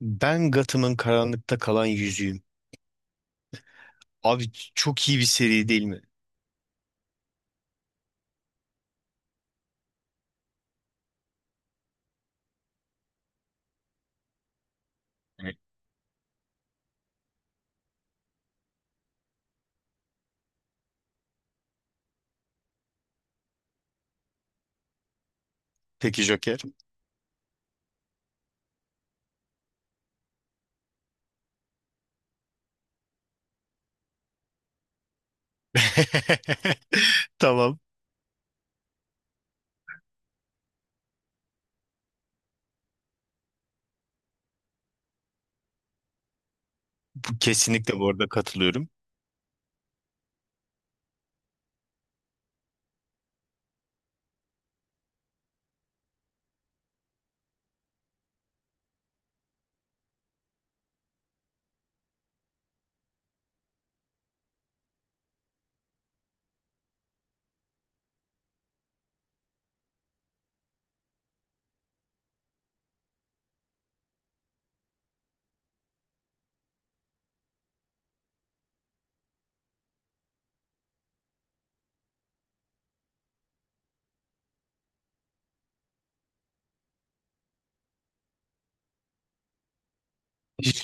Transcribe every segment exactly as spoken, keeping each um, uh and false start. Ben Gotham'ın karanlıkta kalan yüzüğüm. Abi çok iyi bir seri değil mi? Peki Joker. Tamam. Bu kesinlikle bu arada katılıyorum.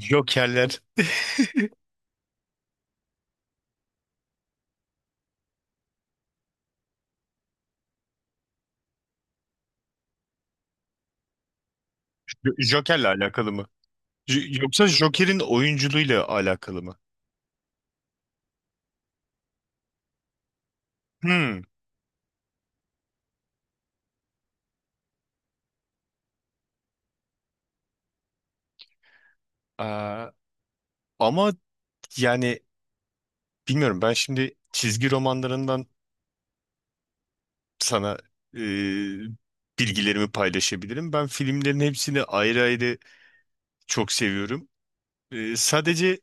Jokerler Joker'le alakalı mı? J- Yoksa Joker'in oyunculuğuyla alakalı mı? Hmm. Aa, ama yani bilmiyorum ben şimdi çizgi romanlarından sana e, bilgilerimi paylaşabilirim. Ben filmlerin hepsini ayrı ayrı çok seviyorum. E, sadece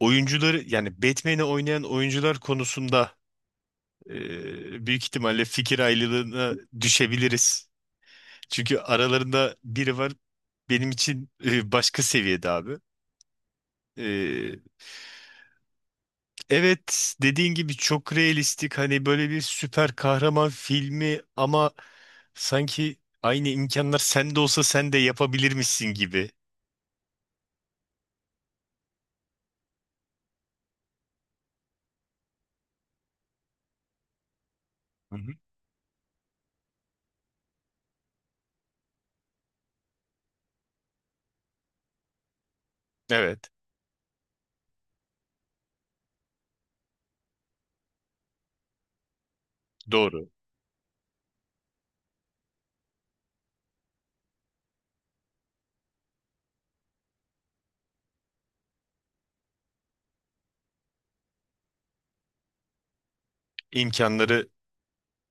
oyuncuları yani Batman'i oynayan oyuncular konusunda e, büyük ihtimalle fikir ayrılığına düşebiliriz. Çünkü aralarında biri var benim için e, başka seviyede abi. E, evet, dediğin gibi çok realistik hani böyle bir süper kahraman filmi ama sanki aynı imkanlar sende olsa sen de yapabilirmişsin gibi. Hı hı. Evet, doğru. İmkanları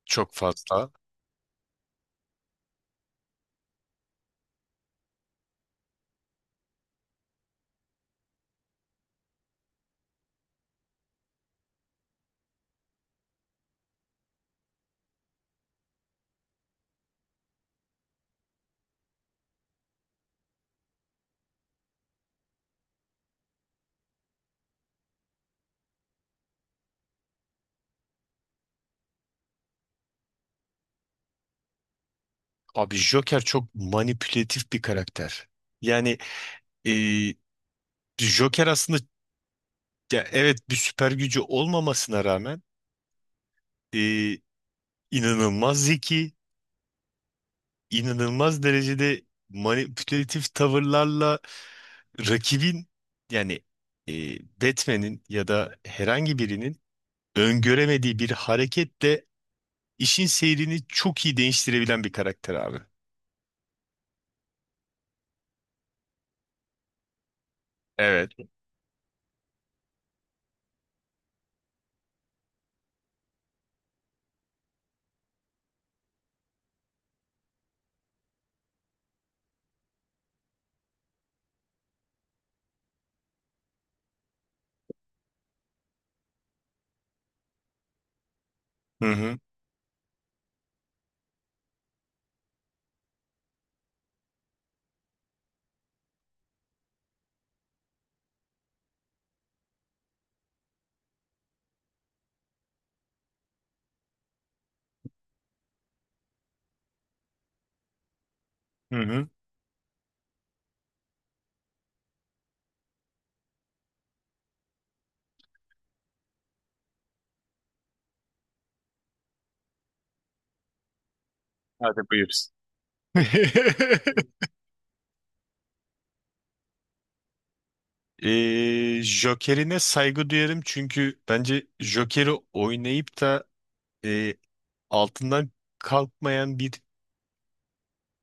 çok fazla. Abi Joker çok manipülatif bir karakter. Yani e, Joker aslında ya evet bir süper gücü olmamasına rağmen e, inanılmaz zeki, inanılmaz derecede manipülatif tavırlarla rakibin yani e, Batman'in ya da herhangi birinin öngöremediği bir hareketle işin seyrini çok iyi değiştirebilen bir karakter abi. Evet. Hı hı. Hı hı. Hadi buyur. Ee, Joker'ine saygı duyarım çünkü bence Joker'i oynayıp da e, altından kalkmayan bir,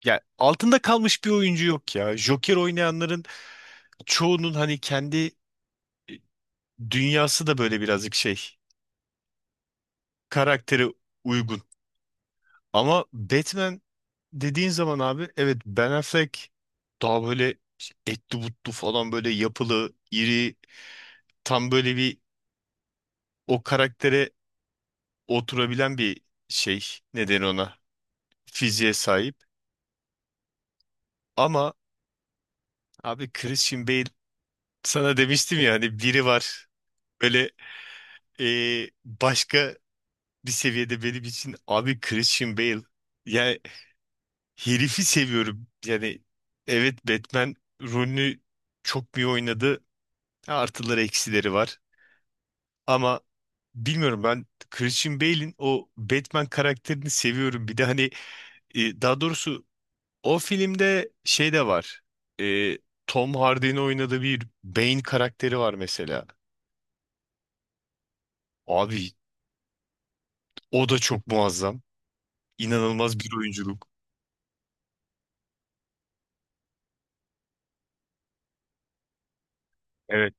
ya altında kalmış bir oyuncu yok ya. Joker oynayanların çoğunun hani kendi e, dünyası da böyle birazcık şey, karaktere uygun. Ama Batman dediğin zaman abi evet Ben Affleck daha böyle etli butlu falan, böyle yapılı, iri, tam böyle bir o karaktere oturabilen bir şey. Neden ona? Fiziğe sahip. Ama abi Christian Bale, sana demiştim ya hani biri var. Böyle e, başka bir seviyede benim için abi Christian Bale. Yani herifi seviyorum. Yani evet Batman rolünü çok iyi oynadı. Artıları eksileri var. Ama bilmiyorum, ben Christian Bale'in o Batman karakterini seviyorum. Bir de hani, e, daha doğrusu, o filmde şey de var. Ee, Tom Hardy'nin oynadığı bir Bane karakteri var mesela. Abi o da çok muazzam. İnanılmaz bir oyunculuk. Evet,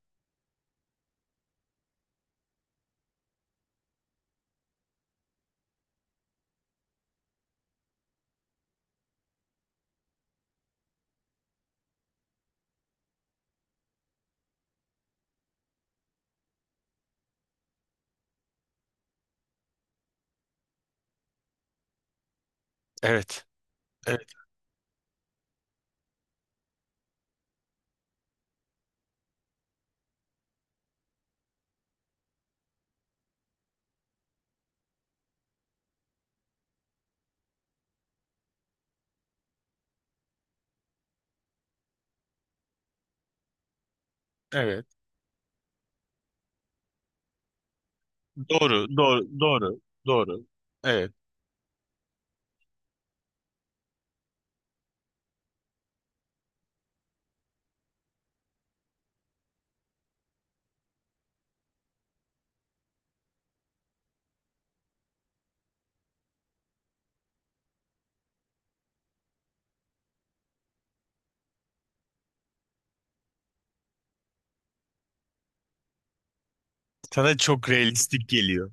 evet, evet, evet. Doğru, doğru, doğru, doğru. Evet. Sana çok realistik geliyor.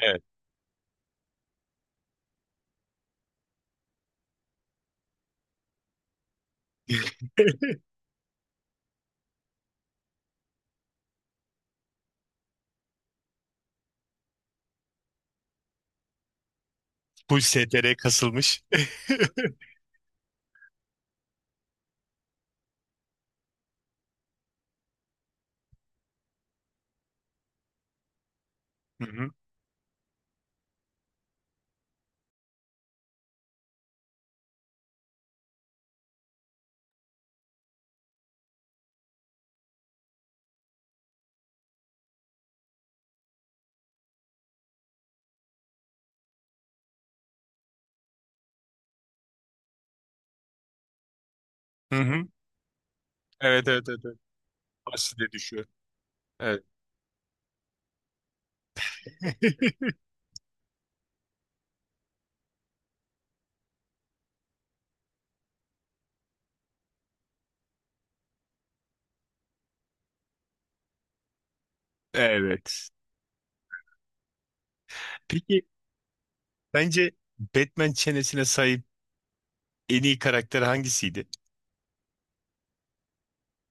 Evet. Bu S T R'ye kasılmış. Hı hı. Hı hı. Evet, evet, evet, evet. Asile düşüyor. Evet. Evet. Peki bence Batman çenesine sahip en iyi karakter hangisiydi?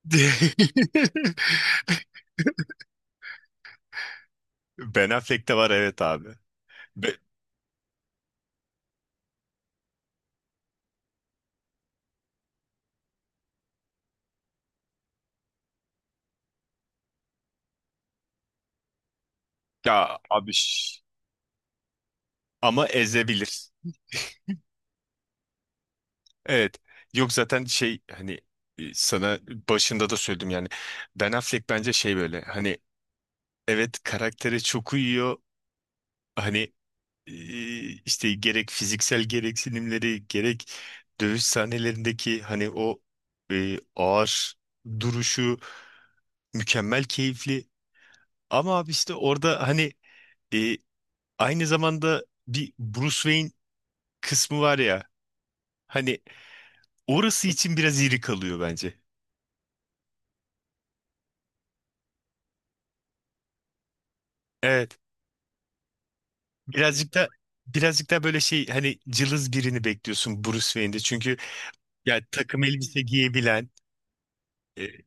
Ben Affleck'te var, evet abi. Be- ya abi, ş- ama ezebilir. Evet. Yok, zaten şey hani e, sana başında da söyledim yani. Ben Affleck bence şey, böyle hani, evet karaktere çok uyuyor. Hani e, işte gerek fiziksel gereksinimleri, gerek dövüş sahnelerindeki hani o e, ağır duruşu mükemmel, keyifli. Ama abi işte orada hani e, Aynı zamanda bir Bruce Wayne kısmı var ya. Hani orası için biraz iri kalıyor bence. Evet. Birazcık da birazcık da böyle şey hani, cılız birini bekliyorsun Bruce Wayne'de. Çünkü ya takım elbise giyebilen. e,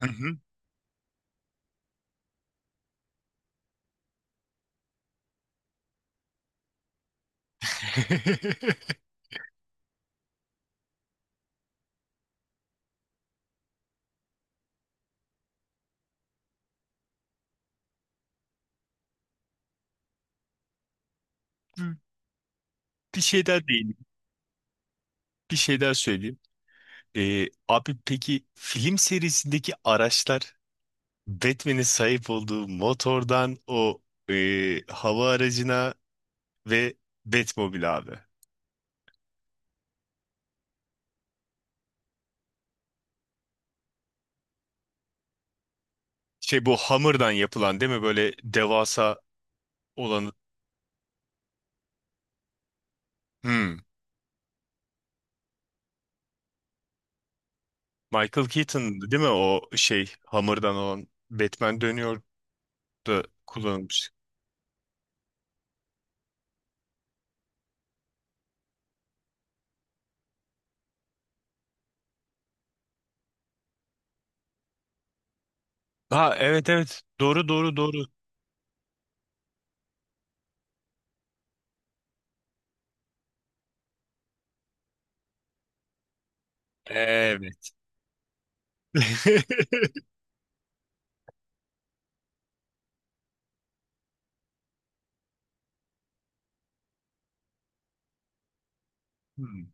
hı hı. Bir şey daha değil. Bir şey daha söyleyeyim. E, abi peki film serisindeki araçlar, Batman'in sahip olduğu motordan o e, hava aracına ve Batmobile abi. Şey, bu hamurdan yapılan değil mi? Böyle devasa olan. Hmm. Michael Keaton değil mi o şey hamurdan olan Batman dönüyor da kullanılmış. Ha evet evet, doğru doğru doğru. Evet. Hmm.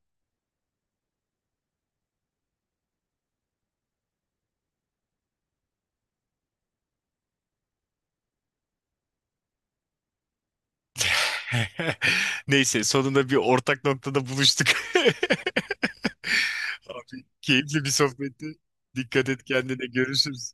Neyse, sonunda bir ortak noktada buluştuk. Abi keyifli bir sohbetti. Dikkat et kendine, görüşürüz.